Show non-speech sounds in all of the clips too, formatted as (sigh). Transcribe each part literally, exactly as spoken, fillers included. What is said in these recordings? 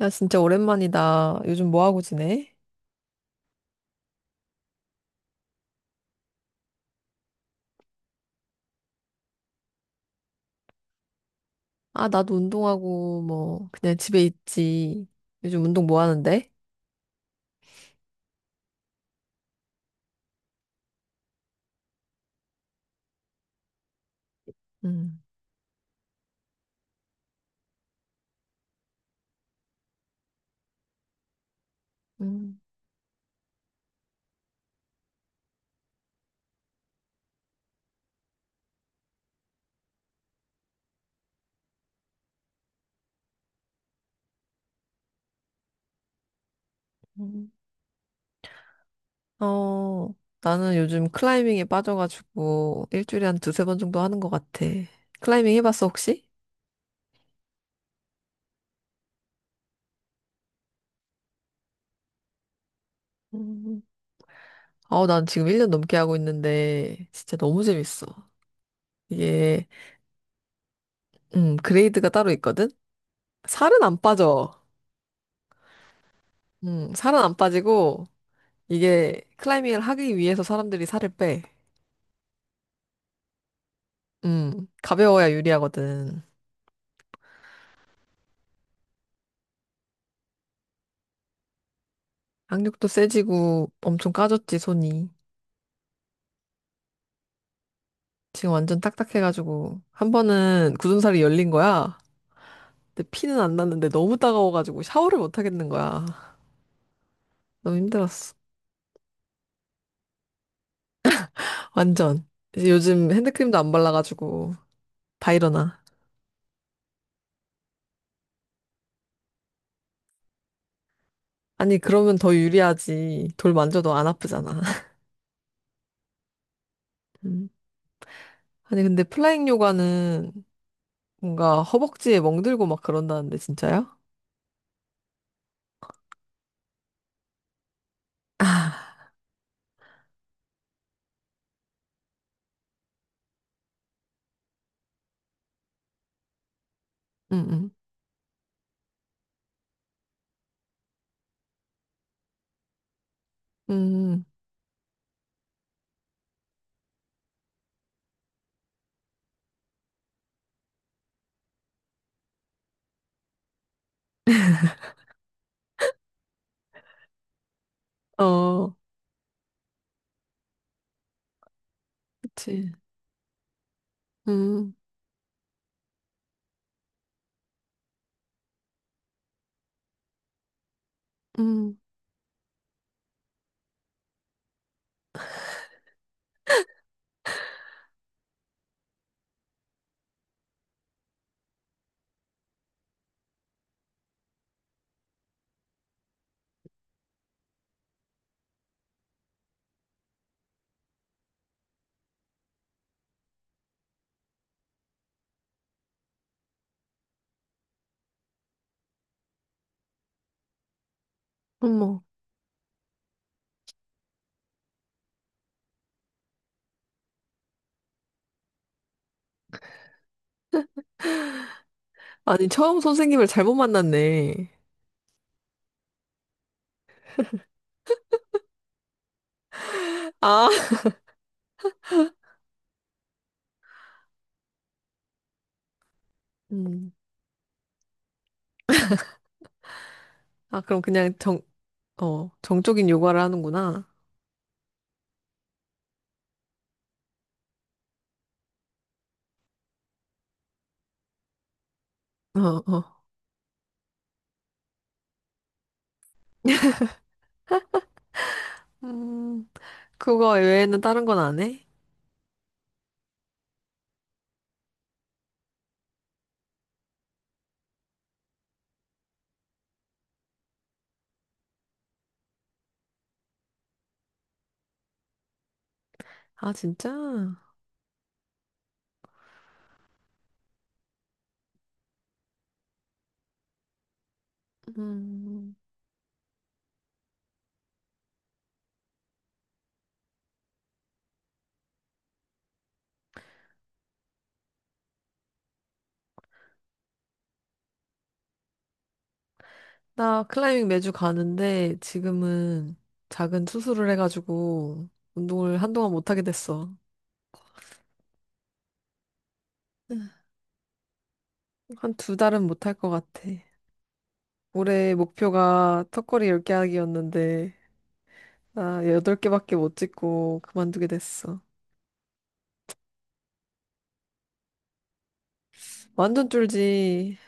야, 진짜 오랜만이다. 요즘 뭐 하고 지내? 아, 나도 운동하고, 뭐, 그냥 집에 있지. 요즘 운동 뭐 하는데? 음. 음, 음. 어, 나는 요즘 클라이밍에 빠져가지고, 일주일에 한 두세 번 정도 하는 것 같아. 클라이밍 해봤어, 혹시? 음. 어, 난 지금 일 년 넘게 하고 있는데, 진짜 너무 재밌어. 이게, 음, 그레이드가 따로 있거든? 살은 안 빠져. 음, 살은 안 빠지고, 이게 클라이밍을 하기 위해서 사람들이 살을 빼. 음, 가벼워야 유리하거든. 항력도 세지고 엄청 까졌지, 손이. 지금 완전 딱딱해가지고. 한 번은 굳은살이 열린 거야. 근데 피는 안 났는데 너무 따가워가지고 샤워를 못 하겠는 거야. 너무 힘들었어. 완전. 이제 요즘 핸드크림도 안 발라가지고 다 일어나. 아니, 그러면 더 유리하지. 돌 만져도 안 아프잖아. (laughs) 음. 아니, 근데 플라잉 요가는 뭔가 허벅지에 멍들고 막 그런다는데, 진짜요? 아, 응, 응. 음, 음. 음, 어, 그치. 음, 음, 어머. 아니, 처음 선생님을 잘못 만났네. 아, 음, 아, 그럼 그냥 정, 어, 정적인 요가를 하는구나. 어, 어. 음, 그거 외에는 다른 건 안 해? 아, 진짜? 음, 나 클라이밍 매주 가는데 지금은 작은 수술을 해가지고 운동을 한동안 못하게 됐어. 한 두 달은 못할 것 같아. 올해 목표가 턱걸이 열 개 하기였는데 나 여덟 개밖에 못 찍고 그만두게 됐어. 완전 쫄지.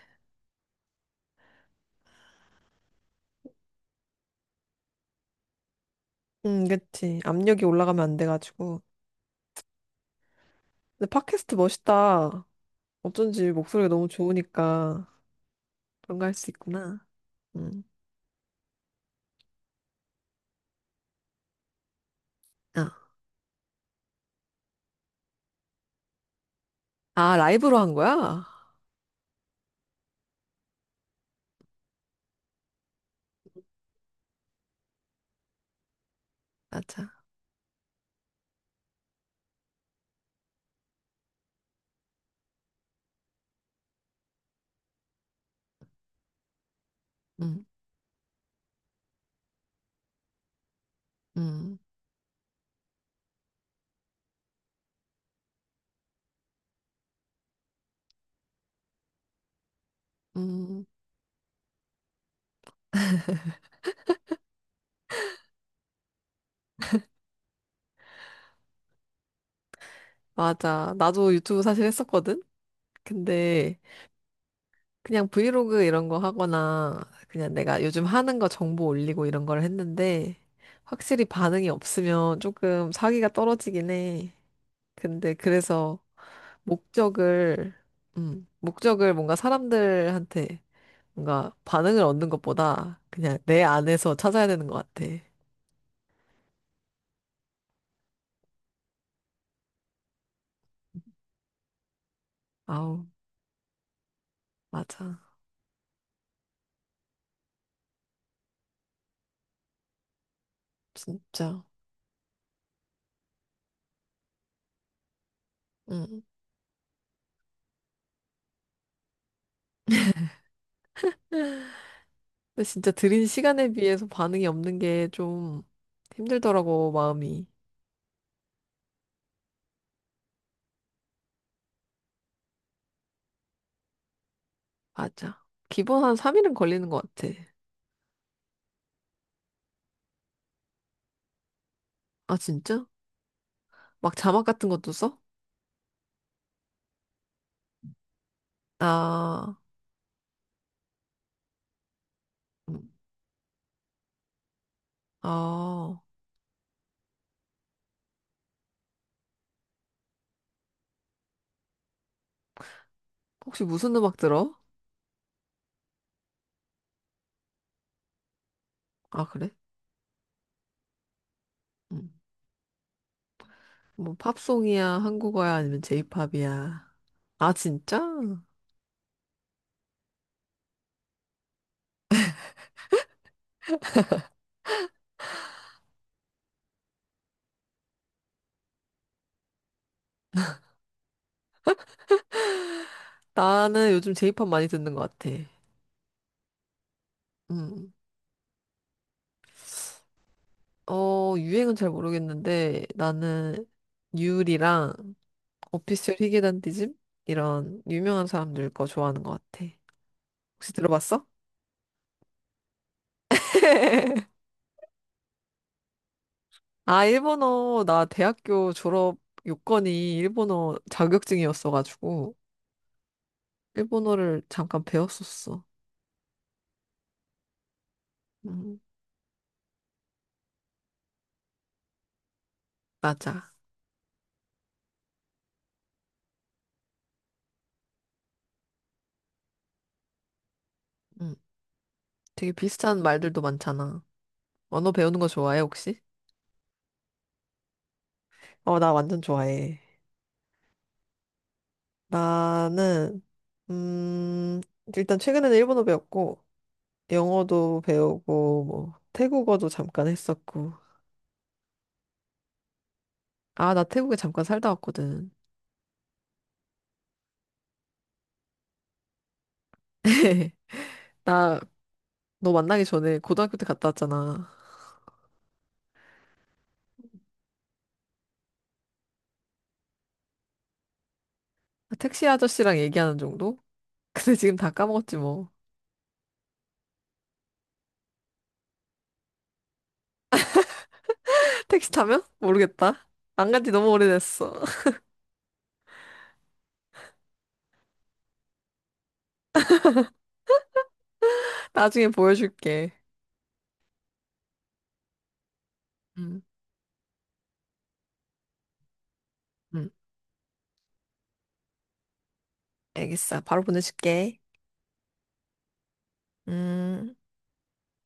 응, 그치. 압력이 올라가면 안 돼가지고. 근데 팟캐스트 멋있다. 어쩐지 목소리가 너무 좋으니까 그런 거 할 수 있구나. 응. 아, 아, 라이브로 한 거야? 맞아. 응, 응, 응. 맞아. 나도 유튜브 사실 했었거든? 근데 그냥 브이로그 이런 거 하거나 그냥 내가 요즘 하는 거 정보 올리고 이런 걸 했는데 확실히 반응이 없으면 조금 사기가 떨어지긴 해. 근데 그래서 목적을 음, 목적을 뭔가 사람들한테 뭔가 반응을 얻는 것보다 그냥 내 안에서 찾아야 되는 것 같아. 아우, 맞아. 진짜. 응. 근데 진짜 들인 시간에 비해서 반응이 없는 게 좀 힘들더라고, 마음이. 맞아. 기본 한 삼 일은 걸리는 것 같아. 아, 진짜? 막 자막 같은 것도 써? 아, 음. 아, 혹시 무슨 음악 들어? 아, 그래? 음. 뭐, 팝송이야, 한국어야, 아니면 제이팝이야? 아, 진짜? 나는 요즘 제이팝 많이 듣는 것 같아. 음. 어, 유행은 잘 모르겠는데, 나는 유리랑 오피셜 히게단디즘? 이런 유명한 사람들 거 좋아하는 것 같아. 혹시 들어봤어? (laughs) 아, 일본어, 나 대학교 졸업 요건이 일본어 자격증이었어가지고, 일본어를 잠깐 배웠었어. 음, 맞아. 음, 되게 비슷한 말들도 많잖아. 언어 배우는 거 좋아해, 혹시? 어, 나 완전 좋아해. 나는, 음, 일단 최근에는 일본어 배웠고, 영어도 배우고, 뭐, 태국어도 잠깐 했었고. 아, 나 태국에 잠깐 살다 왔거든. (laughs) 나, 너 만나기 전에 고등학교 때 갔다 왔잖아. 아, 택시 아저씨랑 얘기하는 정도? (laughs) 근데 지금 다 까먹었지 뭐. (laughs) 택시 타면? 모르겠다. 안 간지 너무 오래됐어. (laughs) 나중에 보여줄게. 응, 응, 알겠어. 바로 보내줄게. 음.